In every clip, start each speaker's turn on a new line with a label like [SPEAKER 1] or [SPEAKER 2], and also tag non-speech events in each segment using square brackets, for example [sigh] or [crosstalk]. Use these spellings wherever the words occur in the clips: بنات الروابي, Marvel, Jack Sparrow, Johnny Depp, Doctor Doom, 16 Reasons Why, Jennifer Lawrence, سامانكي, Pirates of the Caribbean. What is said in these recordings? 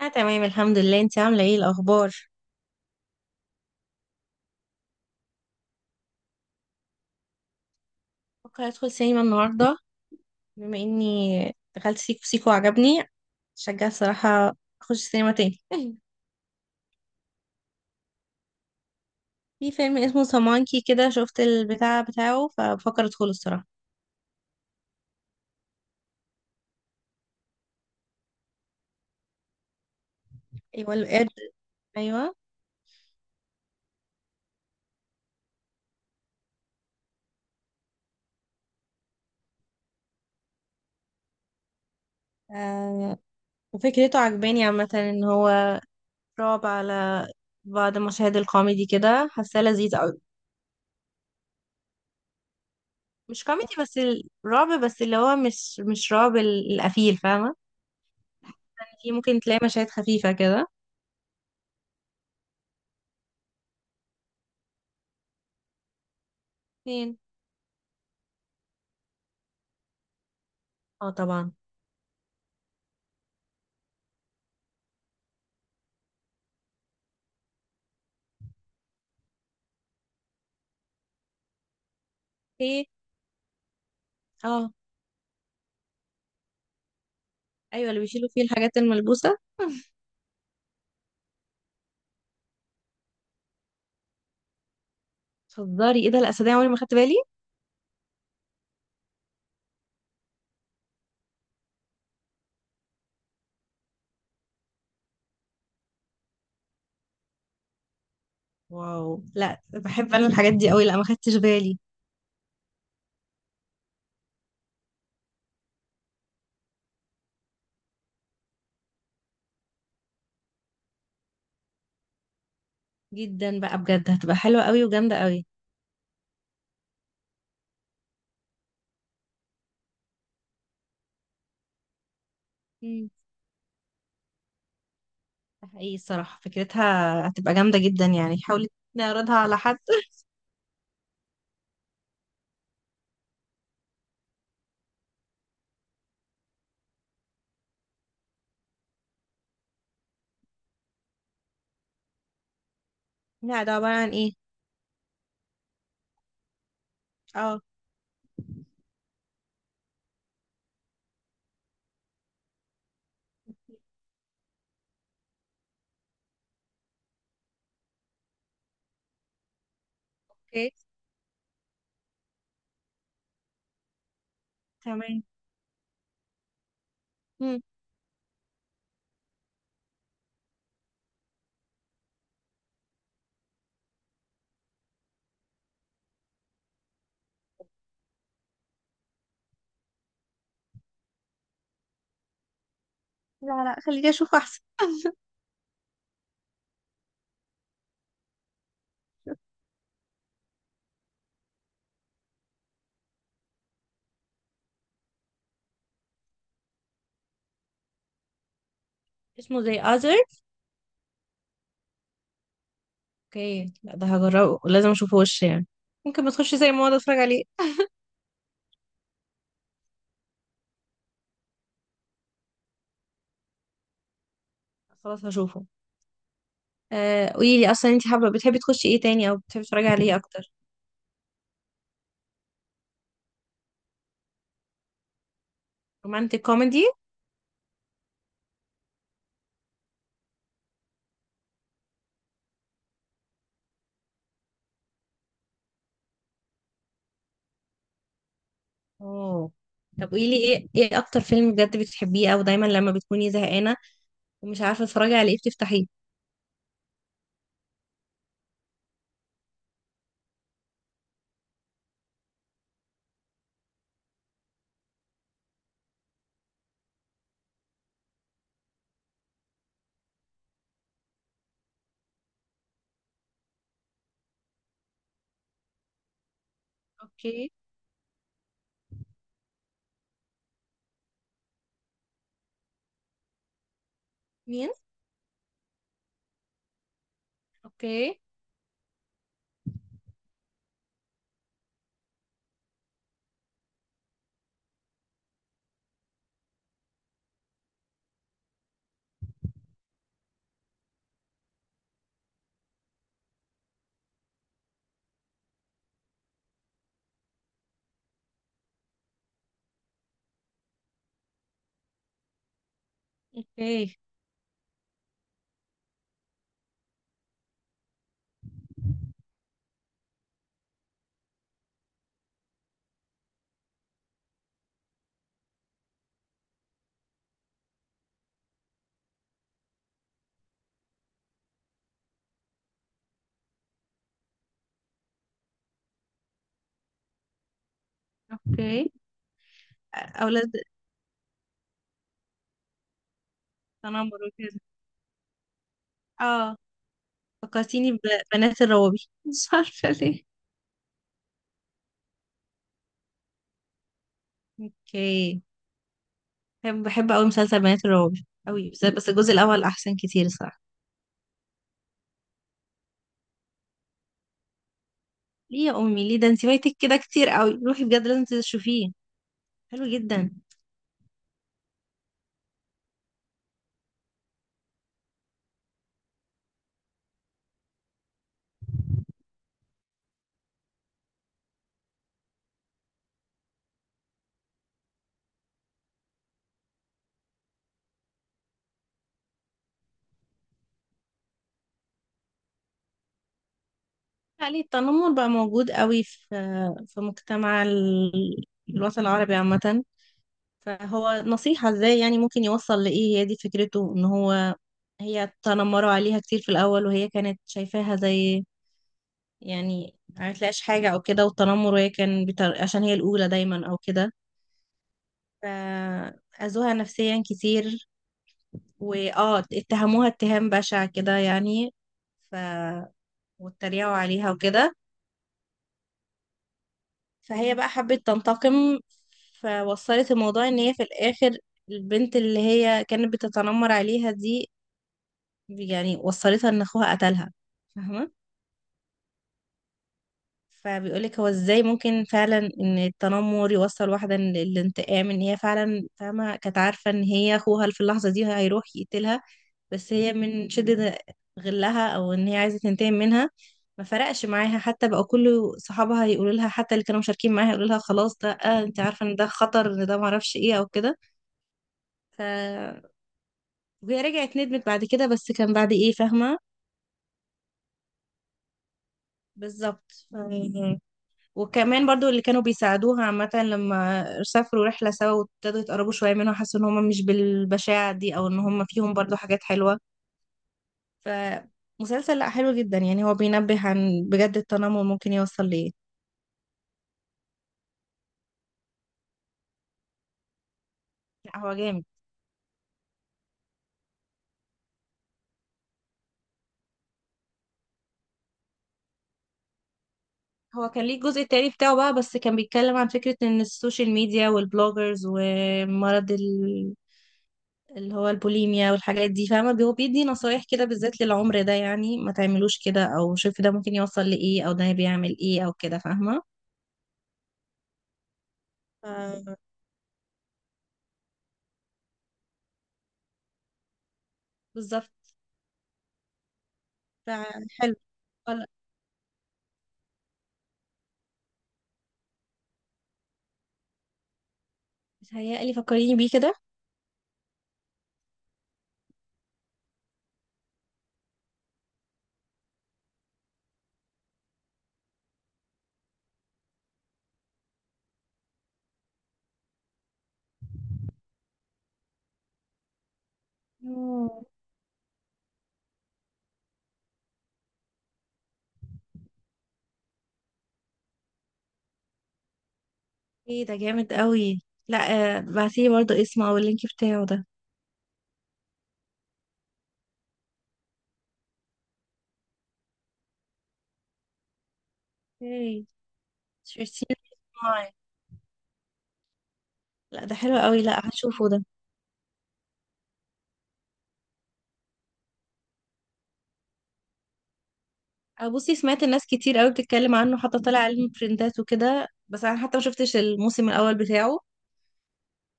[SPEAKER 1] اه، تمام الحمد لله. انت عامله ايه الاخبار؟ بفكر ادخل سينما النهارده، بما اني دخلت سيكو سيكو وعجبني، شجع الصراحه اخش سينما تاني [laughs] في فيلم اسمه سامانكي كده، شفت البتاع بتاعه فبفكر ادخله الصراحه. ايوه القرد. ايوه. آه. وفكرته عجباني عامه، ان هو رعب على بعض مشاهد الكوميدي كده، حاساه لذيذ قوي. مش كوميدي بس، الرعب بس اللي هو مش رعب القفيل، فاهمه؟ في ممكن تلاقي مشاهد خفيفه كده. فين؟ اه طبعا. ايه. اه. ايوه اللي بيشيلوا فيه الحاجات الملبوسه. تهزري؟ ايه ده، لا صدقني عمري ما خدت بالي. واو، لا بحب انا الحاجات دي قوي، لا ما خدتش بالي. جدا بقى بجد، هتبقى حلوه قوي وجامده قوي. امم ده حقيقي الصراحه فكرتها، هتبقى جامده جدا، يعني حاولي نعرضها على حد [laughs] لا ده عباره عن ايه؟ اه. اوكي. تمام. امم لا لا، خليني اشوف احسن. اسمه زي اذر؟ اوكي، لا ده هجربه، لازم اشوفه وش يعني، ممكن ما تخش زي ما اقعد اتفرج عليه. خلاص هشوفه. آه، قولي لي اصلا، انت حابه بتحبي تخشي ايه تاني او بتحبي تتفرجي على ايه اكتر؟ رومانتك كوميدي. اوه. طب قولي لي ايه، ايه اكتر فيلم بجد بتحبيه او دايما لما بتكوني زهقانه ومش عارفه تتفرجي على ايه بتفتحيه؟ اوكي. مين؟ اوكي. اوكي. اوكي. اولاد. تنمر وكده. اه. فكرتيني ببنات الروابي [laughs] مش عارفه ليه. اوكي. بحب قوي مسلسل بنات الروابي قوي، بس الجزء الاول احسن كتير الصراحه. ليه يا امي ليه؟ ده انت فايتك كده كتير قوي، روحي بجد لازم تشوفيه. حلو جدا. عليه التنمر بقى موجود قوي في، في مجتمع الوطن العربي عامة. فهو نصيحة ازاي يعني ممكن يوصل لإيه، هي دي فكرته، ان هو هي تنمروا عليها كتير في الأول، وهي كانت شايفاها زي، يعني ما تلاقيش حاجة أو كده، والتنمر، وهي كان عشان هي الأولى دايما أو كده. فأذوها نفسيا كتير. وآه اتهموها اتهام بشع كده يعني. ف واتريقوا عليها وكده. فهي بقى حبت تنتقم. فوصلت الموضوع ان هي في الاخر، البنت اللي هي كانت بتتنمر عليها دي، يعني وصلتها ان اخوها قتلها، فاهمة؟ فبيقولك هو ازاي ممكن فعلا ان التنمر يوصل واحدة للانتقام، ان هي فعلا فاهمة كانت عارفة ان هي اخوها في اللحظة دي هيروح يقتلها، بس هي من شدة غلها او ان هي عايزة تنتقم منها، ما فرقش معاها حتى بقى كل صحابها يقولوا لها، حتى اللي كانوا مشاركين معاها يقولوا لها خلاص ده، آه انت عارفة ان ده خطر، ان ده معرفش ايه او كده. ف وهي رجعت ندمت بعد كده، بس كان بعد ايه، فاهمة؟ بالظبط. وكمان برضو اللي كانوا بيساعدوها عامة، لما سافروا رحلة سوا وابتدوا يتقربوا شوية منها، حسوا ان هم مش بالبشاعة دي، او ان هم فيهم برضو حاجات حلوة. فمسلسل لا حلو جدا يعني، هو بينبه عن بجد التنمر ممكن يوصل لإيه. لا هو جامد. هو كان ليه الجزء التاني بتاعه بقى، بس كان بيتكلم عن فكرة ان السوشيال ميديا والبلوجرز ومرض اللي هو البوليميا والحاجات دي، فاهمة؟ هو بيدي نصايح كده بالذات للعمر ده، يعني ما تعملوش كده، او شوف ده ممكن يوصل لإيه، او ده بيعمل إيه او كده، فاهمة؟ ف- بالظبط. ف- حلو. ولا. متهيألي فكريني بيه كده. ايه ده جامد قوي، لا. آه، بعتيلي برضه اسمه او اللينك بتاعه ده. ايه. شفتيه معايا. لا ده حلو قوي، لا هشوفه ده. آه، بصي سمعت الناس كتير قوي بتتكلم عنه، حتى طلع علم ترندات وكده، بس انا حتى ما شفتش الموسم الاول بتاعه.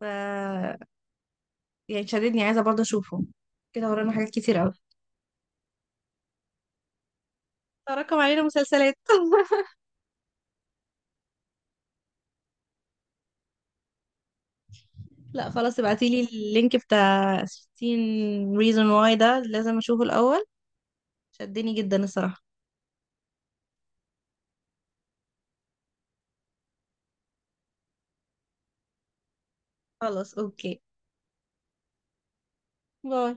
[SPEAKER 1] ف يعني شددني، عايزه برضه اشوفه. كده ورانا حاجات كتير قوي. تراكم علينا مسلسلات [laughs] لا خلاص، ابعتيلي اللينك بتاع 16 reason why ده، لازم اشوفه الاول. شدني جدا الصراحه. خلاص اوكي. باي.